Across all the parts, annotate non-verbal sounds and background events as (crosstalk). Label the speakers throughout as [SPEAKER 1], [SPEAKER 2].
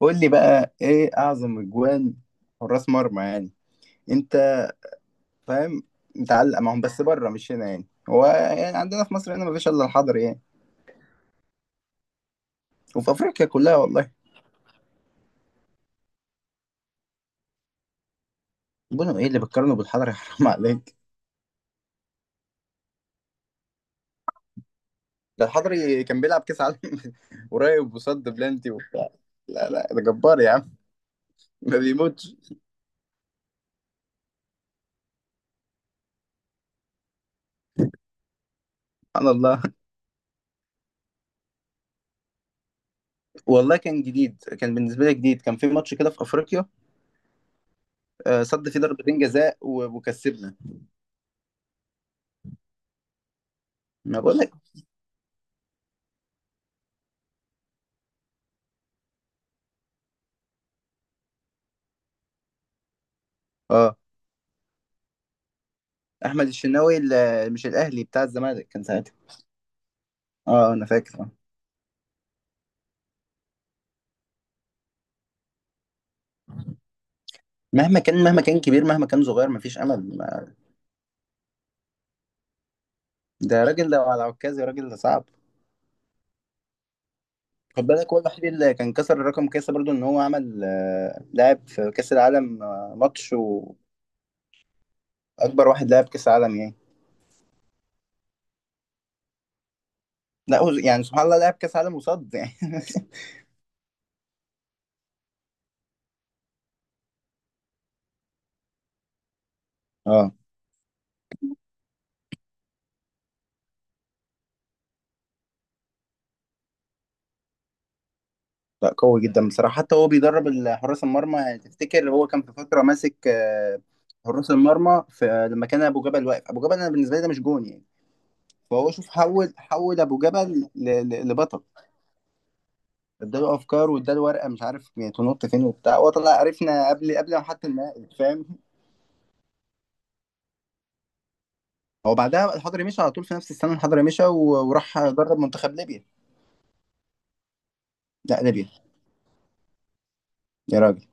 [SPEAKER 1] قول لي بقى، ايه اعظم اجوان حراس مرمى؟ يعني انت فاهم، متعلق معاهم بس بره مش هنا. يعني هو يعني عندنا في مصر هنا مفيش الا الحضري يعني. وفي افريقيا كلها والله. بونو ايه اللي بتقارنه بالحضري؟ (laughs) حرام عليك. ده الحضري كان بيلعب كاس عالم (laughs) قريب وصد بلانتي وبتاع. لا لا، ده جبار يا عم، ما بيموتش. سبحان الله. والله كان جديد، كان بالنسبه لي جديد، كان في ماتش كده في افريقيا، صد فيه ضربتين جزاء و- وكسبنا. ما بقول لك. اه، احمد الشناوي مش الاهلي، بتاع الزمالك كان ساعتها. اه انا فاكر. آه. مهما كان، مهما كان كبير، مهما كان صغير، مفيش امل ده راجل لو على عكازي راجل، ده صعب. خد بالك هو الوحيد اللي كان كسر الرقم كاسة برضو ان هو عمل، لعب في كاس العالم، ماتش. واكبر واحد لعب كاس عالم يعني. لا هو يعني سبحان الله لعب كاس عالم وصد يعني. (laughs) اه. لا قوي جدا بصراحه، حتى هو بيدرب حراس المرمى يعني. تفتكر هو كان في فتره ماسك حراس المرمى في لما كان ابو جبل واقف. ابو جبل انا بالنسبه لي ده مش جون يعني. فهو شوف، حول ابو جبل ل- ل- لبطل. اداله افكار، واداله ورقه مش عارف يعني تنط فين وبتاع. هو طلع عرفنا قبل، ما حتى النهائي، فاهم. هو بعدها الحضري مشى على طول في نفس السنه. الحضري مشى و- وراح درب منتخب ليبيا. لا ليبيا، يا راجل.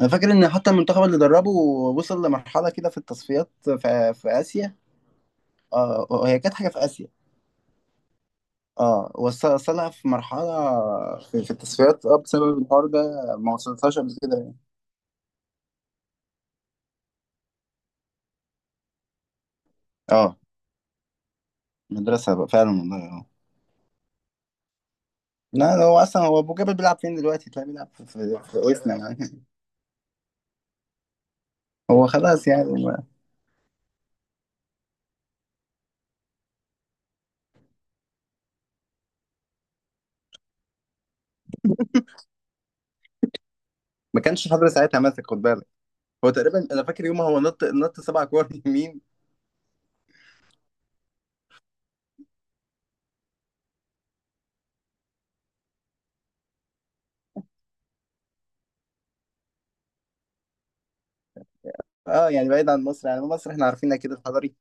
[SPEAKER 1] انا فاكر ان حتى المنتخب اللي دربه وصل لمرحله كده في التصفيات في اسيا. اه هي كانت حاجه في اسيا. اه، وصلها في مرحله في التصفيات، اه بسبب الحوار ده. ما وصلتهاش قبل كده يعني. اه مدرسه بقى فعلا والله، اه. لا ده هو اصلا، هو ابو جبل بيلعب فين دلوقتي؟ تلاقيه بيلعب في وسنا يعني. (laughs) هو خلاص يعني ما كانش حضر ساعتها ماسك، خد بالك. هو تقريبا انا فاكر يوم هو نط نط سبع كور (laughs) يمين. اه يعني بعيد عن مصر، يعني مصر احنا عارفينها كده الحضري.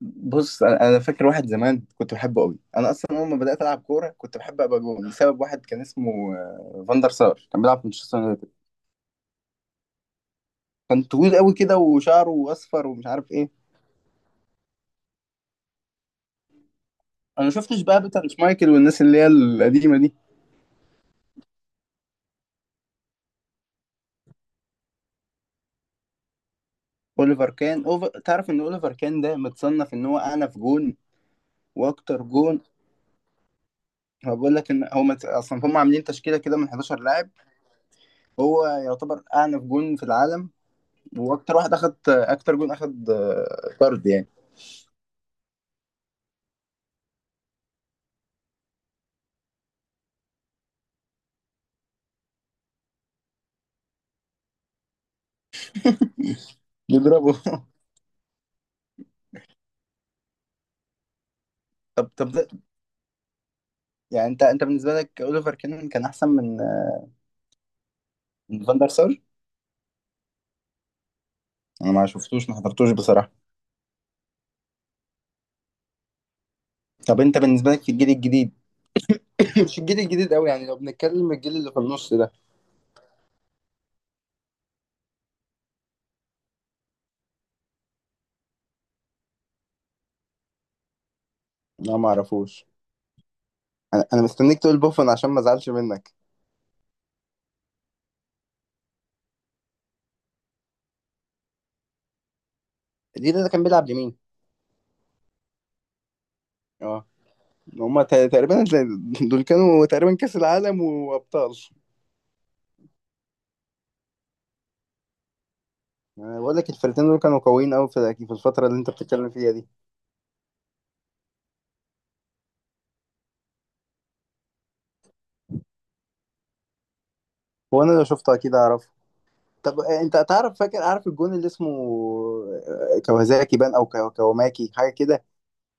[SPEAKER 1] بص، انا فاكر واحد زمان كنت بحبه قوي. انا اصلا اول ما بدات العب كوره كنت بحب ابقى جون بسبب واحد كان اسمه فاندر سار، كان بيلعب في مانشستر يونايتد. كان طويل قوي كده وشعره اصفر ومش عارف ايه. انا ما شفتش بقى بيتر شمايكل والناس اللي هي القديمه دي. اوليفر كان تعرف ان اوليفر كان ده متصنف ان هو اعنف جون. واكتر جون. هو بيقول لك ان هو اصلا هم عاملين تشكيله كده من 11 لاعب. هو يعتبر اعنف جون في العالم واكتر واحد اخد اكتر جون، اخد طرد يعني. (laughs) بيضربه. (laughs) طب ده. يعني انت بالنسبه لك اوليفر كان، كان احسن من من فان دار سار؟ انا ما شفتوش، ما حضرتوش بصراحه. طب انت بالنسبه لك في الجيل الجديد؟ (laughs) مش الجيل الجديد قوي يعني، لو بنتكلم الجيل اللي في النص ده. لا ما اعرفوش. انا مستنيك تقول بوفون عشان ما ازعلش منك. ليه، ده كان بيلعب يمين؟ اه هما تقريبا، دول كانوا تقريبا كاس العالم وابطال. أنا بقول لك الفرقتين دول كانوا قويين قوي في الفتره اللي انت بتتكلم فيها دي. هو انا لو شفته اكيد اعرفه. طب انت تعرف، فاكر عارف الجون اللي اسمه كوازاكي بان او كوماكي حاجه كده؟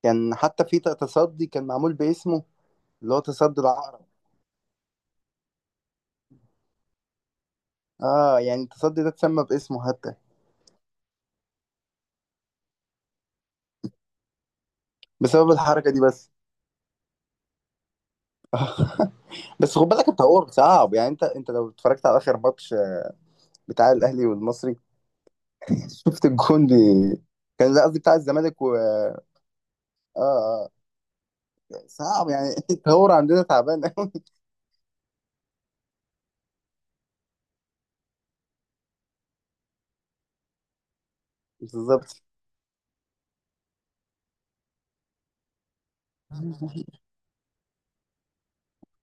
[SPEAKER 1] كان حتى في تصدي كان معمول باسمه، اللي هو تصدي العقرب. اه يعني التصدي ده اتسمى باسمه حتى بسبب الحركه دي بس. (laughs) بس خد بالك التطور صعب يعني. انت لو اتفرجت على اخر ماتش بتاع الاهلي والمصري (laughs) شفت الجون دي. كان، لا قصدي بتاع الزمالك، و اه. اه صعب يعني. (laughs) التطور عندنا تعبان قوي. (laughs) بالظبط.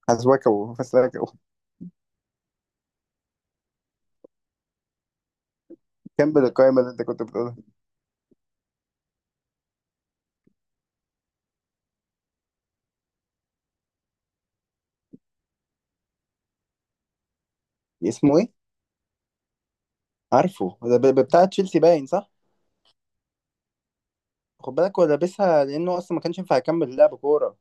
[SPEAKER 1] حسواكو فسلاكو. كمل القائمه اللي انت كنت بتقولها. اسمه ايه؟ عارفه، ده بتاع تشيلسي باين، صح؟ خد بالك هو لابسها لانه اصلا ما كانش ينفع يكمل لعب كوره.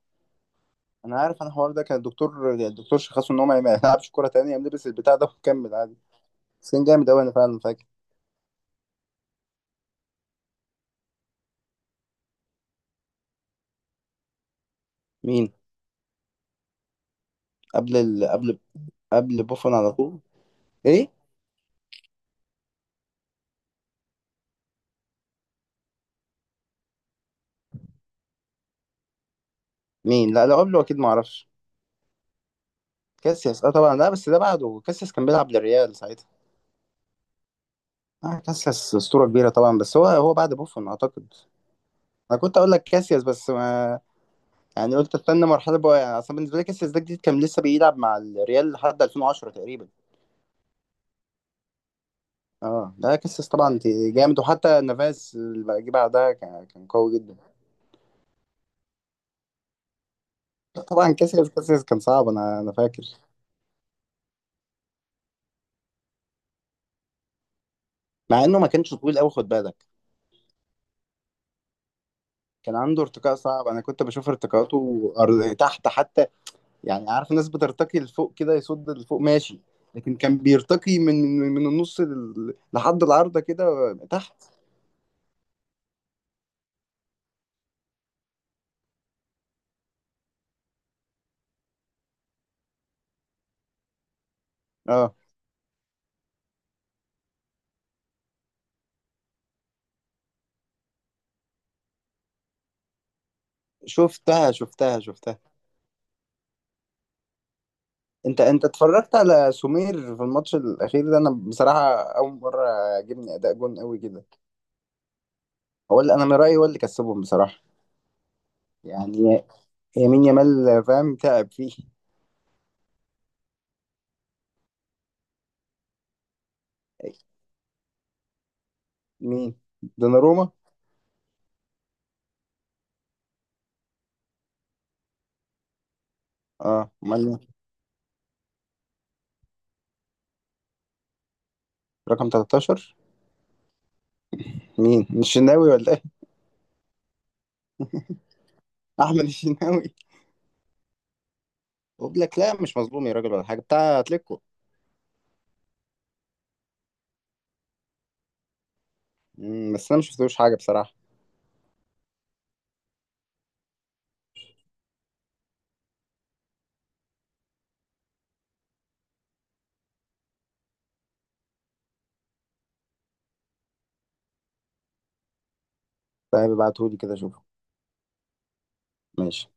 [SPEAKER 1] انا عارف، انا الحوار ده كان الدكتور، شخصه ان هو ما يلعبش كوره تانية، قام لبس البتاع ده وكمل عادي. بس كان جامد قوي، انا فعلا فاكر. مين قبل قبل بوفون على طول؟ ايه؟ مين؟ لا لو قبله اكيد ما اعرفش. كاسياس؟ اه طبعا، لا بس ده بعده، كاسياس كان بيلعب للريال ساعتها. اه كاسياس اسطوره كبيره طبعا، بس هو بعد بوفون اعتقد. انا كنت اقول لك كاسياس، بس ما يعني، قلت استنى مرحله بقى. يعني اصلا بالنسبه لي كاسياس ده جديد، كان لسه بيلعب مع الريال لحد 2010 تقريبا. اه لا كاسياس طبعا جامد، وحتى نافاس اللي جه بعدها كان قوي جدا. لا طبعا كاسياس، كاسياس كان صعب. انا فاكر مع انه ما كانش طويل قوي، خد بالك. كان عنده ارتقاء صعب، انا كنت بشوف ارتقاءاته تحت حتى. يعني عارف الناس بترتقي لفوق كده، يصد لفوق ماشي، لكن كان بيرتقي من النص لحد العارضة كده تحت. اه، شفتها، شفتها، شفتها. انت اتفرجت على سمير في الماتش الاخير ده؟ انا بصراحة اول مرة عجبني اداء جون قوي كده. هو اللي انا من رأيي هو اللي كسبهم بصراحة، يعني يمين يامال فاهم تعب فيه. مين؟ دوناروما؟ اه امال مين؟ رقم 13. مين، مش الشناوي ولا ايه؟ (laughs) احمد الشناوي. وبلاك، لا مش مظلوم يا راجل ولا حاجه بتاع اتلتيكو. بس انا مش شفتوش حاجه بصراحه. طيب ابعتهولي كده اشوفه. ماشي.